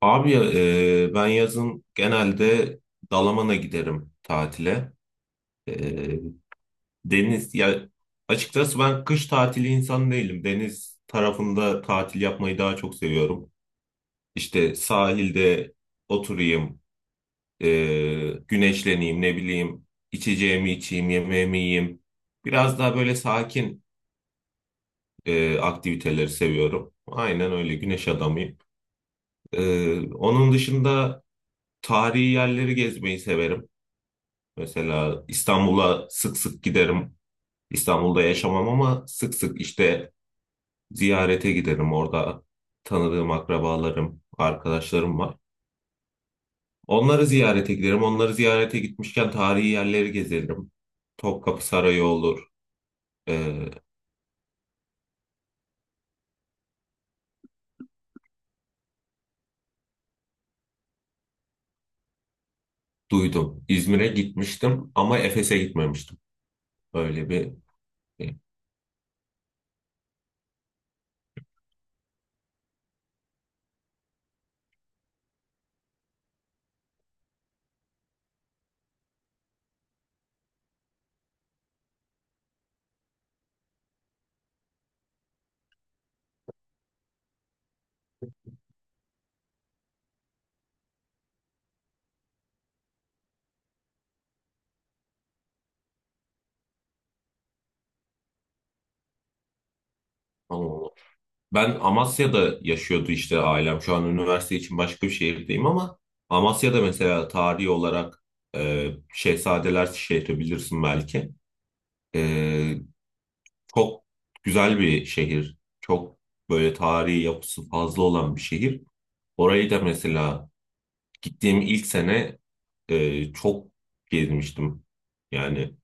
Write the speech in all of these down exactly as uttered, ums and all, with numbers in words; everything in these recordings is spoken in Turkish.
Abi e, ben yazın genelde Dalaman'a giderim tatile. E, Deniz ya açıkçası ben kış tatili insan değilim. Deniz tarafında tatil yapmayı daha çok seviyorum. İşte sahilde oturayım, e, güneşleneyim, ne bileyim, içeceğimi içeyim, yemeğimi yiyeyim. Biraz daha böyle sakin e, aktiviteleri seviyorum. Aynen öyle güneş adamıyım. E, onun dışında tarihi yerleri gezmeyi severim. Mesela İstanbul'a sık sık giderim. İstanbul'da yaşamam ama sık sık işte ziyarete giderim. Orada tanıdığım akrabalarım, arkadaşlarım var. Onları ziyarete giderim. Onları ziyarete gitmişken tarihi yerleri gezerim. Topkapı Sarayı olur. Ee, Duydum. İzmir'e gitmiştim ama Efes'e gitmemiştim. Öyle bir şey. Tamam. Ben Amasya'da yaşıyordu işte ailem. Şu an üniversite için başka bir şehirdeyim ama Amasya'da mesela tarihi olarak e, Şehzadeler şehri bilirsin belki. E, Çok güzel bir şehir. Çok böyle tarihi yapısı fazla olan bir şehir. Orayı da mesela gittiğim ilk sene e, çok gezmiştim. Yani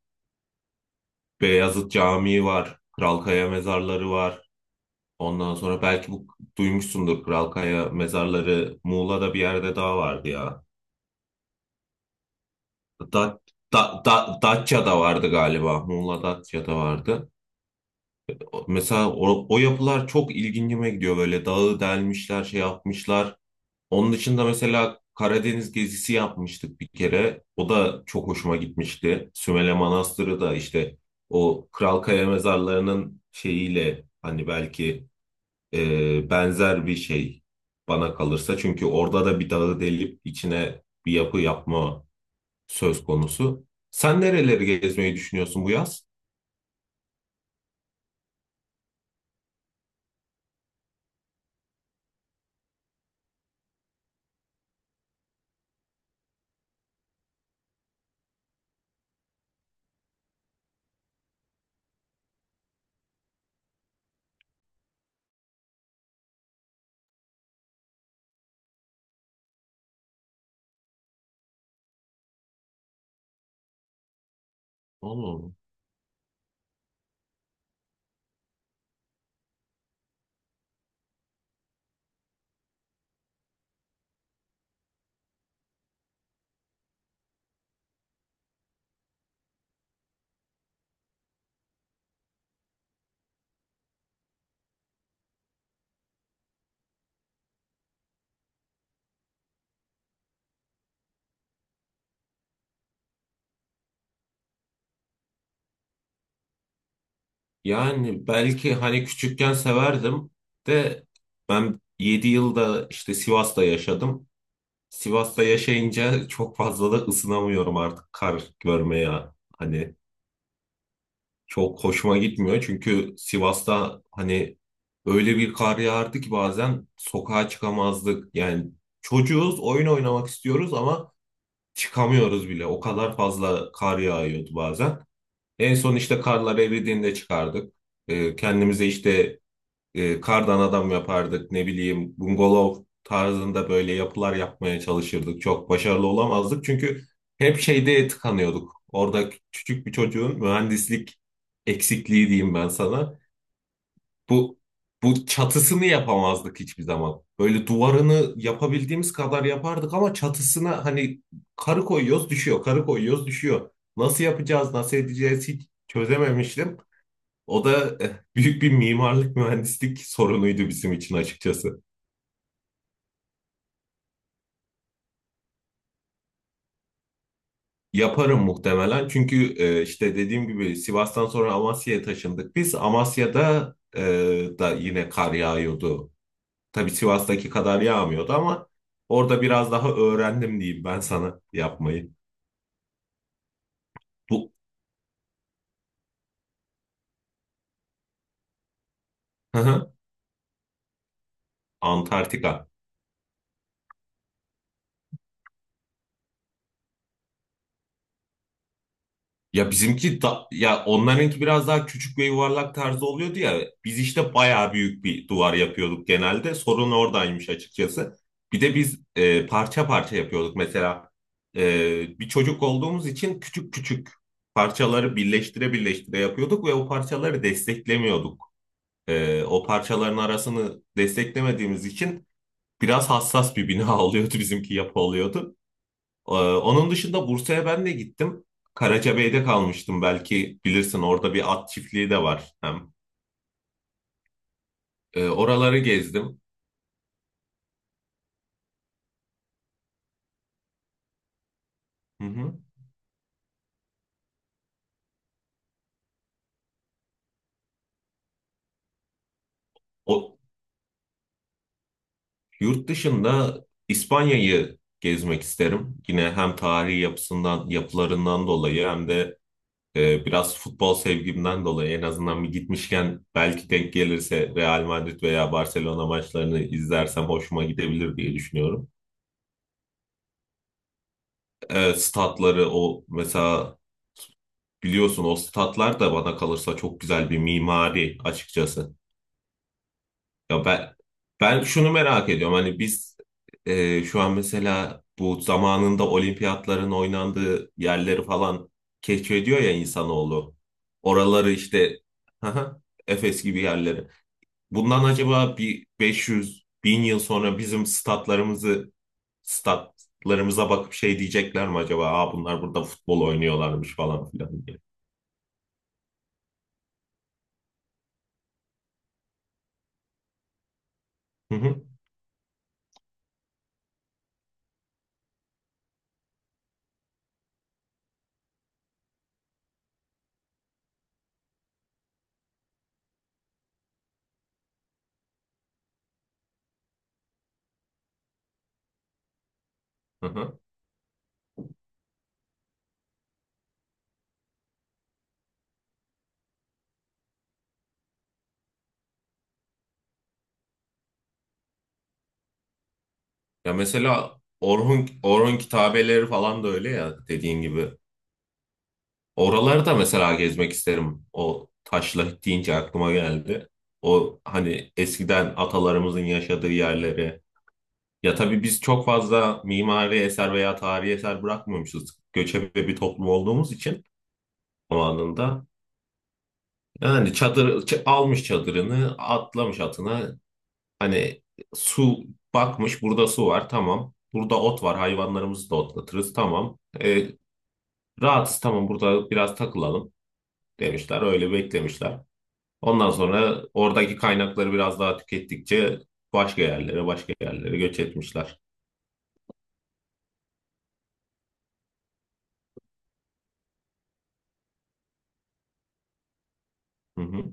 Beyazıt Camii var, Kral Kaya mezarları var. Ondan sonra belki bu duymuşsundur Kralkaya mezarları Muğla'da bir yerde daha vardı ya. Da, da, da, Datça'da vardı galiba. Muğla Datça'da vardı. O- Mesela o, o yapılar çok ilgincime gidiyor. Böyle dağı delmişler, şey yapmışlar. Onun dışında mesela Karadeniz gezisi yapmıştık bir kere. O da çok hoşuma gitmişti. Sümele Manastırı da işte o Kralkaya mezarlarının şeyiyle hani belki e, benzer bir şey bana kalırsa. Çünkü orada da bir dağı delip içine bir yapı yapma söz konusu. Sen nereleri gezmeyi düşünüyorsun bu yaz? Oğlum. Yani belki hani küçükken severdim de ben yedi yılda işte Sivas'ta yaşadım. Sivas'ta yaşayınca çok fazla da ısınamıyorum artık kar görmeye. Hani çok hoşuma gitmiyor. Çünkü Sivas'ta hani öyle bir kar yağardı ki bazen sokağa çıkamazdık. Yani çocuğuz, oyun oynamak istiyoruz ama çıkamıyoruz bile. O kadar fazla kar yağıyordu bazen. En son işte karlar eridiğinde çıkardık. Ee, kendimize işte e, kardan adam yapardık, ne bileyim, bungalov tarzında böyle yapılar yapmaya çalışırdık. Çok başarılı olamazdık çünkü hep şeyde tıkanıyorduk. Orada küçük bir çocuğun mühendislik eksikliği diyeyim ben sana. Bu bu çatısını yapamazdık hiçbir zaman. Böyle duvarını yapabildiğimiz kadar yapardık ama çatısına hani karı koyuyoruz düşüyor, karı koyuyoruz düşüyor. Nasıl yapacağız, nasıl edeceğiz hiç çözememiştim. O da eh, büyük bir mimarlık mühendislik sorunuydu bizim için açıkçası. Yaparım muhtemelen çünkü eh, işte dediğim gibi Sivas'tan sonra Amasya'ya taşındık biz. Amasya'da eh, da yine kar yağıyordu. Tabii Sivas'taki kadar yağmıyordu ama orada biraz daha öğrendim diyeyim ben sana yapmayı. Bu Antarktika. Ya bizimki da, ya onlarınki biraz daha küçük ve yuvarlak tarzı oluyordu ya. Biz işte bayağı büyük bir duvar yapıyorduk genelde. Sorun oradaymış açıkçası. Bir de biz e, parça parça yapıyorduk. Mesela e, bir çocuk olduğumuz için küçük küçük parçaları birleştire birleştire yapıyorduk ve o parçaları desteklemiyorduk. E, o parçaların arasını desteklemediğimiz için biraz hassas bir bina oluyordu bizimki, yapı oluyordu. Ee, onun dışında Bursa'ya ben de gittim. Karacabey'de kalmıştım, belki bilirsin, orada bir at çiftliği de var hem. Ee, oraları gezdim. Hı hı. O, yurt dışında İspanya'yı gezmek isterim. Yine hem tarihi yapısından, yapılarından dolayı hem de e, biraz futbol sevgimden dolayı, en azından bir gitmişken belki denk gelirse Real Madrid veya Barcelona maçlarını izlersem hoşuma gidebilir diye düşünüyorum. E, statları o mesela, biliyorsun o statlar da bana kalırsa çok güzel bir mimari açıkçası. Ya ben ben şunu merak ediyorum. Hani biz e, şu an mesela bu zamanında olimpiyatların oynandığı yerleri falan keşfediyor ya insanoğlu. Oraları işte haha, Efes gibi yerleri. Bundan acaba bir 500 bin yıl sonra bizim statlarımızı statlarımıza bakıp şey diyecekler mi acaba? Aa, bunlar burada futbol oynuyorlarmış falan filan diye. Hı hı. Hı hı. Ya mesela Orhun, Orhun kitabeleri falan da öyle ya, dediğin gibi. Oraları da mesela gezmek isterim. O, taşla deyince aklıma geldi. O hani eskiden atalarımızın yaşadığı yerleri. Ya tabii biz çok fazla mimari eser veya tarihi eser bırakmamışız. Göçebe bir toplum olduğumuz için o anında. Yani çadır ç- almış çadırını, atlamış atına. Hani su bakmış burada su var tamam. Burada ot var, hayvanlarımızı da otlatırız tamam. E, Rahatsız tamam, burada biraz takılalım demişler. Öyle beklemişler. Ondan sonra oradaki kaynakları biraz daha tükettikçe başka yerlere, başka yerlere göç etmişler. Hı hı.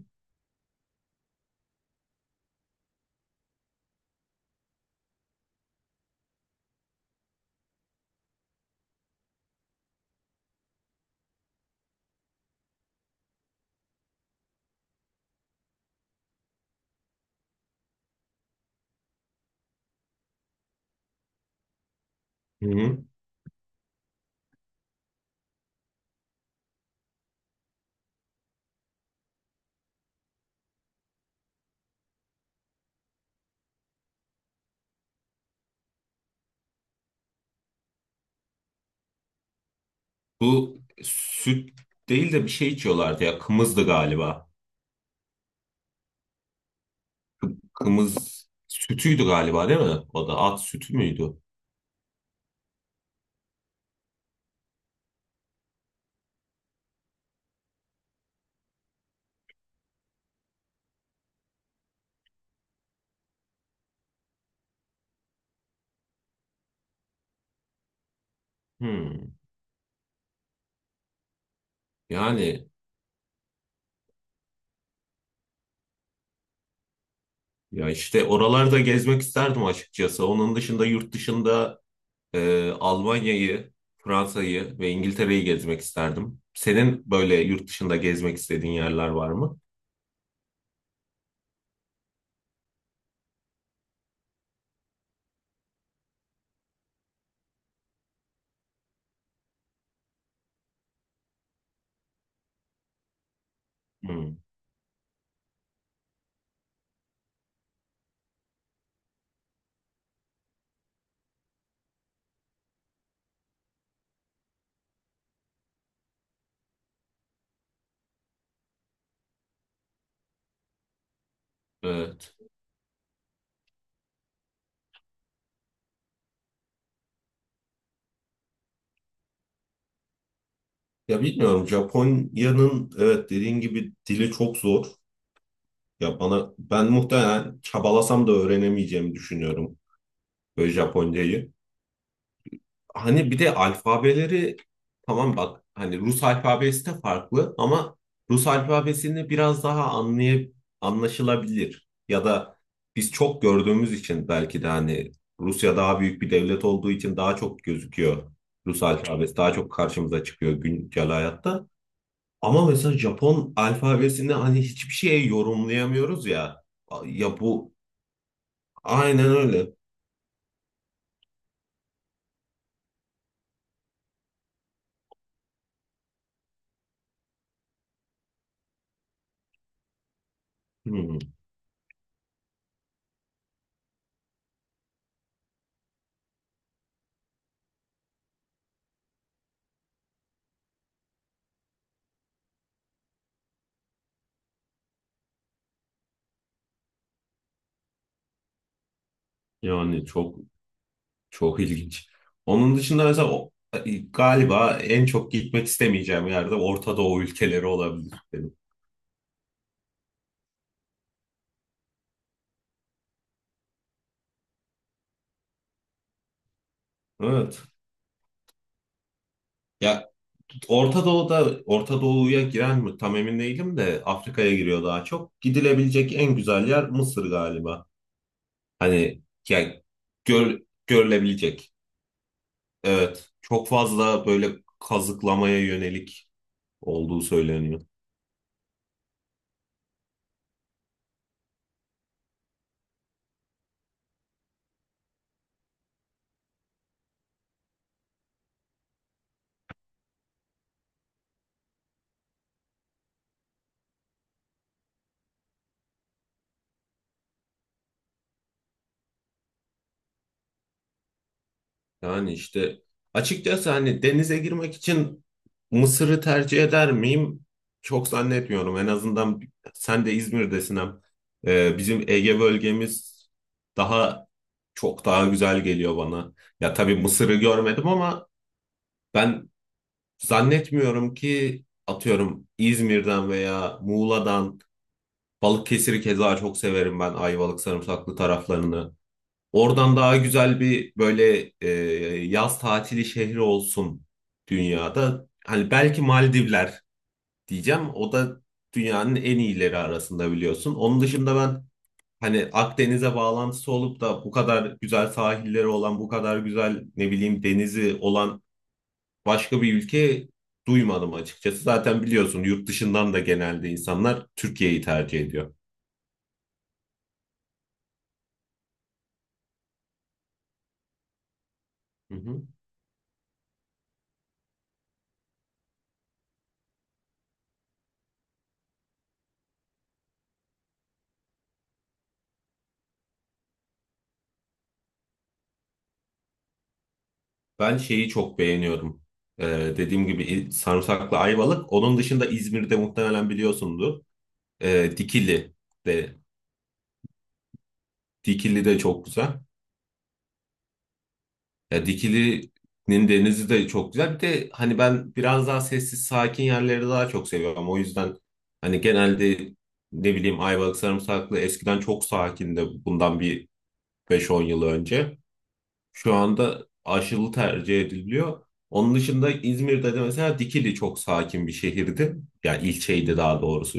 Hı hı. Bu süt değil de bir şey içiyorlardı ya. Kımızdı galiba. Kı- Kımız sütüydü galiba, değil mi? O da at sütü müydü? Hmm. Yani ya işte oralarda gezmek isterdim açıkçası. Onun dışında yurt dışında Ee, Almanya'yı, Fransa'yı ve İngiltere'yi gezmek isterdim. Senin böyle yurt dışında gezmek istediğin yerler var mı? Hmm, evet. Ya bilmiyorum, Japonya'nın, evet, dediğin gibi dili çok zor. Ya bana, ben muhtemelen çabalasam da öğrenemeyeceğimi düşünüyorum böyle Japoncayı. Hani bir de alfabeleri, tamam bak, hani Rus alfabesi de farklı ama Rus alfabesini biraz daha anlay anlaşılabilir, ya da biz çok gördüğümüz için belki de, hani Rusya daha büyük bir devlet olduğu için daha çok gözüküyor. Rus alfabesi daha çok karşımıza çıkıyor güncel hayatta. Ama mesela Japon alfabesini hani hiçbir şeye yorumlayamıyoruz ya. Ya bu, aynen öyle. Hmm. Yani çok Çok ilginç. Onun dışında mesela o- e, galiba en çok gitmek istemeyeceğim yerde Orta Doğu ülkeleri olabilir benim. Evet. Ya Orta Doğu'da Orta Doğu'ya giren mi tam emin değilim de, Afrika'ya giriyor daha çok. Gidilebilecek en güzel yer Mısır galiba. Hani yani gör, görülebilecek. Evet. Çok fazla böyle kazıklamaya yönelik olduğu söyleniyor. Yani işte açıkçası hani denize girmek için Mısır'ı tercih eder miyim? Çok zannetmiyorum. En azından sen de İzmir'desin hem. Ee, bizim Ege bölgemiz daha çok, daha güzel geliyor bana. Ya tabii Mısır'ı görmedim ama ben zannetmiyorum ki, atıyorum İzmir'den veya Muğla'dan, Balıkesir'i keza çok severim ben, Ayvalık sarımsaklı taraflarını. Oradan daha güzel bir böyle e, yaz tatili şehri olsun dünyada. Hani belki Maldivler diyeceğim. O da dünyanın en iyileri arasında, biliyorsun. Onun dışında ben hani Akdeniz'e bağlantısı olup da bu kadar güzel sahilleri olan, bu kadar güzel, ne bileyim, denizi olan başka bir ülke duymadım açıkçası. Zaten biliyorsun yurt dışından da genelde insanlar Türkiye'yi tercih ediyor. Hı hı. Ben şeyi çok beğeniyorum. Ee, dediğim gibi, il- sarımsaklı ayvalık. Onun dışında İzmir'de muhtemelen biliyorsundur. Ee, Dikili de Dikili de çok güzel. Ya Dikili'nin denizi de çok güzel. Bir de hani ben biraz daha sessiz, sakin yerleri daha çok seviyorum. O yüzden hani genelde, ne bileyim, Ayvalık sarımsaklı eskiden çok sakindi, bundan bir beş on yıl önce. Şu anda aşılı tercih ediliyor. Onun dışında İzmir'de de mesela Dikili çok sakin bir şehirdi. Yani ilçeydi daha doğrusu.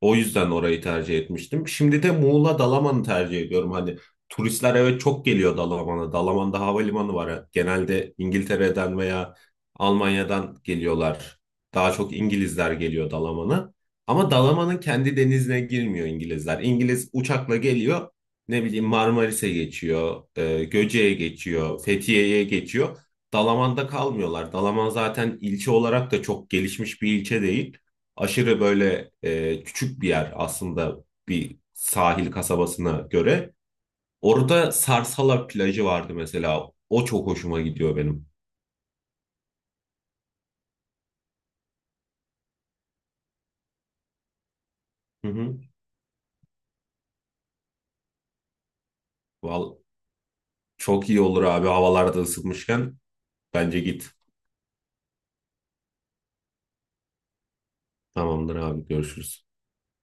O yüzden orayı tercih etmiştim. Şimdi de Muğla Dalaman'ı tercih ediyorum. Hani turistler, evet, çok geliyor Dalaman'a. Dalaman'da havalimanı var. Genelde İngiltere'den veya Almanya'dan geliyorlar. Daha çok İngilizler geliyor Dalaman'a. Ama Dalaman'ın kendi denizine girmiyor İngilizler. İngiliz uçakla geliyor. Ne bileyim Marmaris'e geçiyor, e, Göce'ye geçiyor, Fethiye'ye geçiyor. Dalaman'da kalmıyorlar. Dalaman zaten ilçe olarak da çok gelişmiş bir ilçe değil, aşırı böyle e, küçük bir yer aslında bir sahil kasabasına göre. Orada Sarsala plajı vardı mesela. O çok hoşuma gidiyor benim. Hı hı. Val, çok iyi olur abi, havalarda ısıtmışken. Bence git. Tamamdır abi, görüşürüz.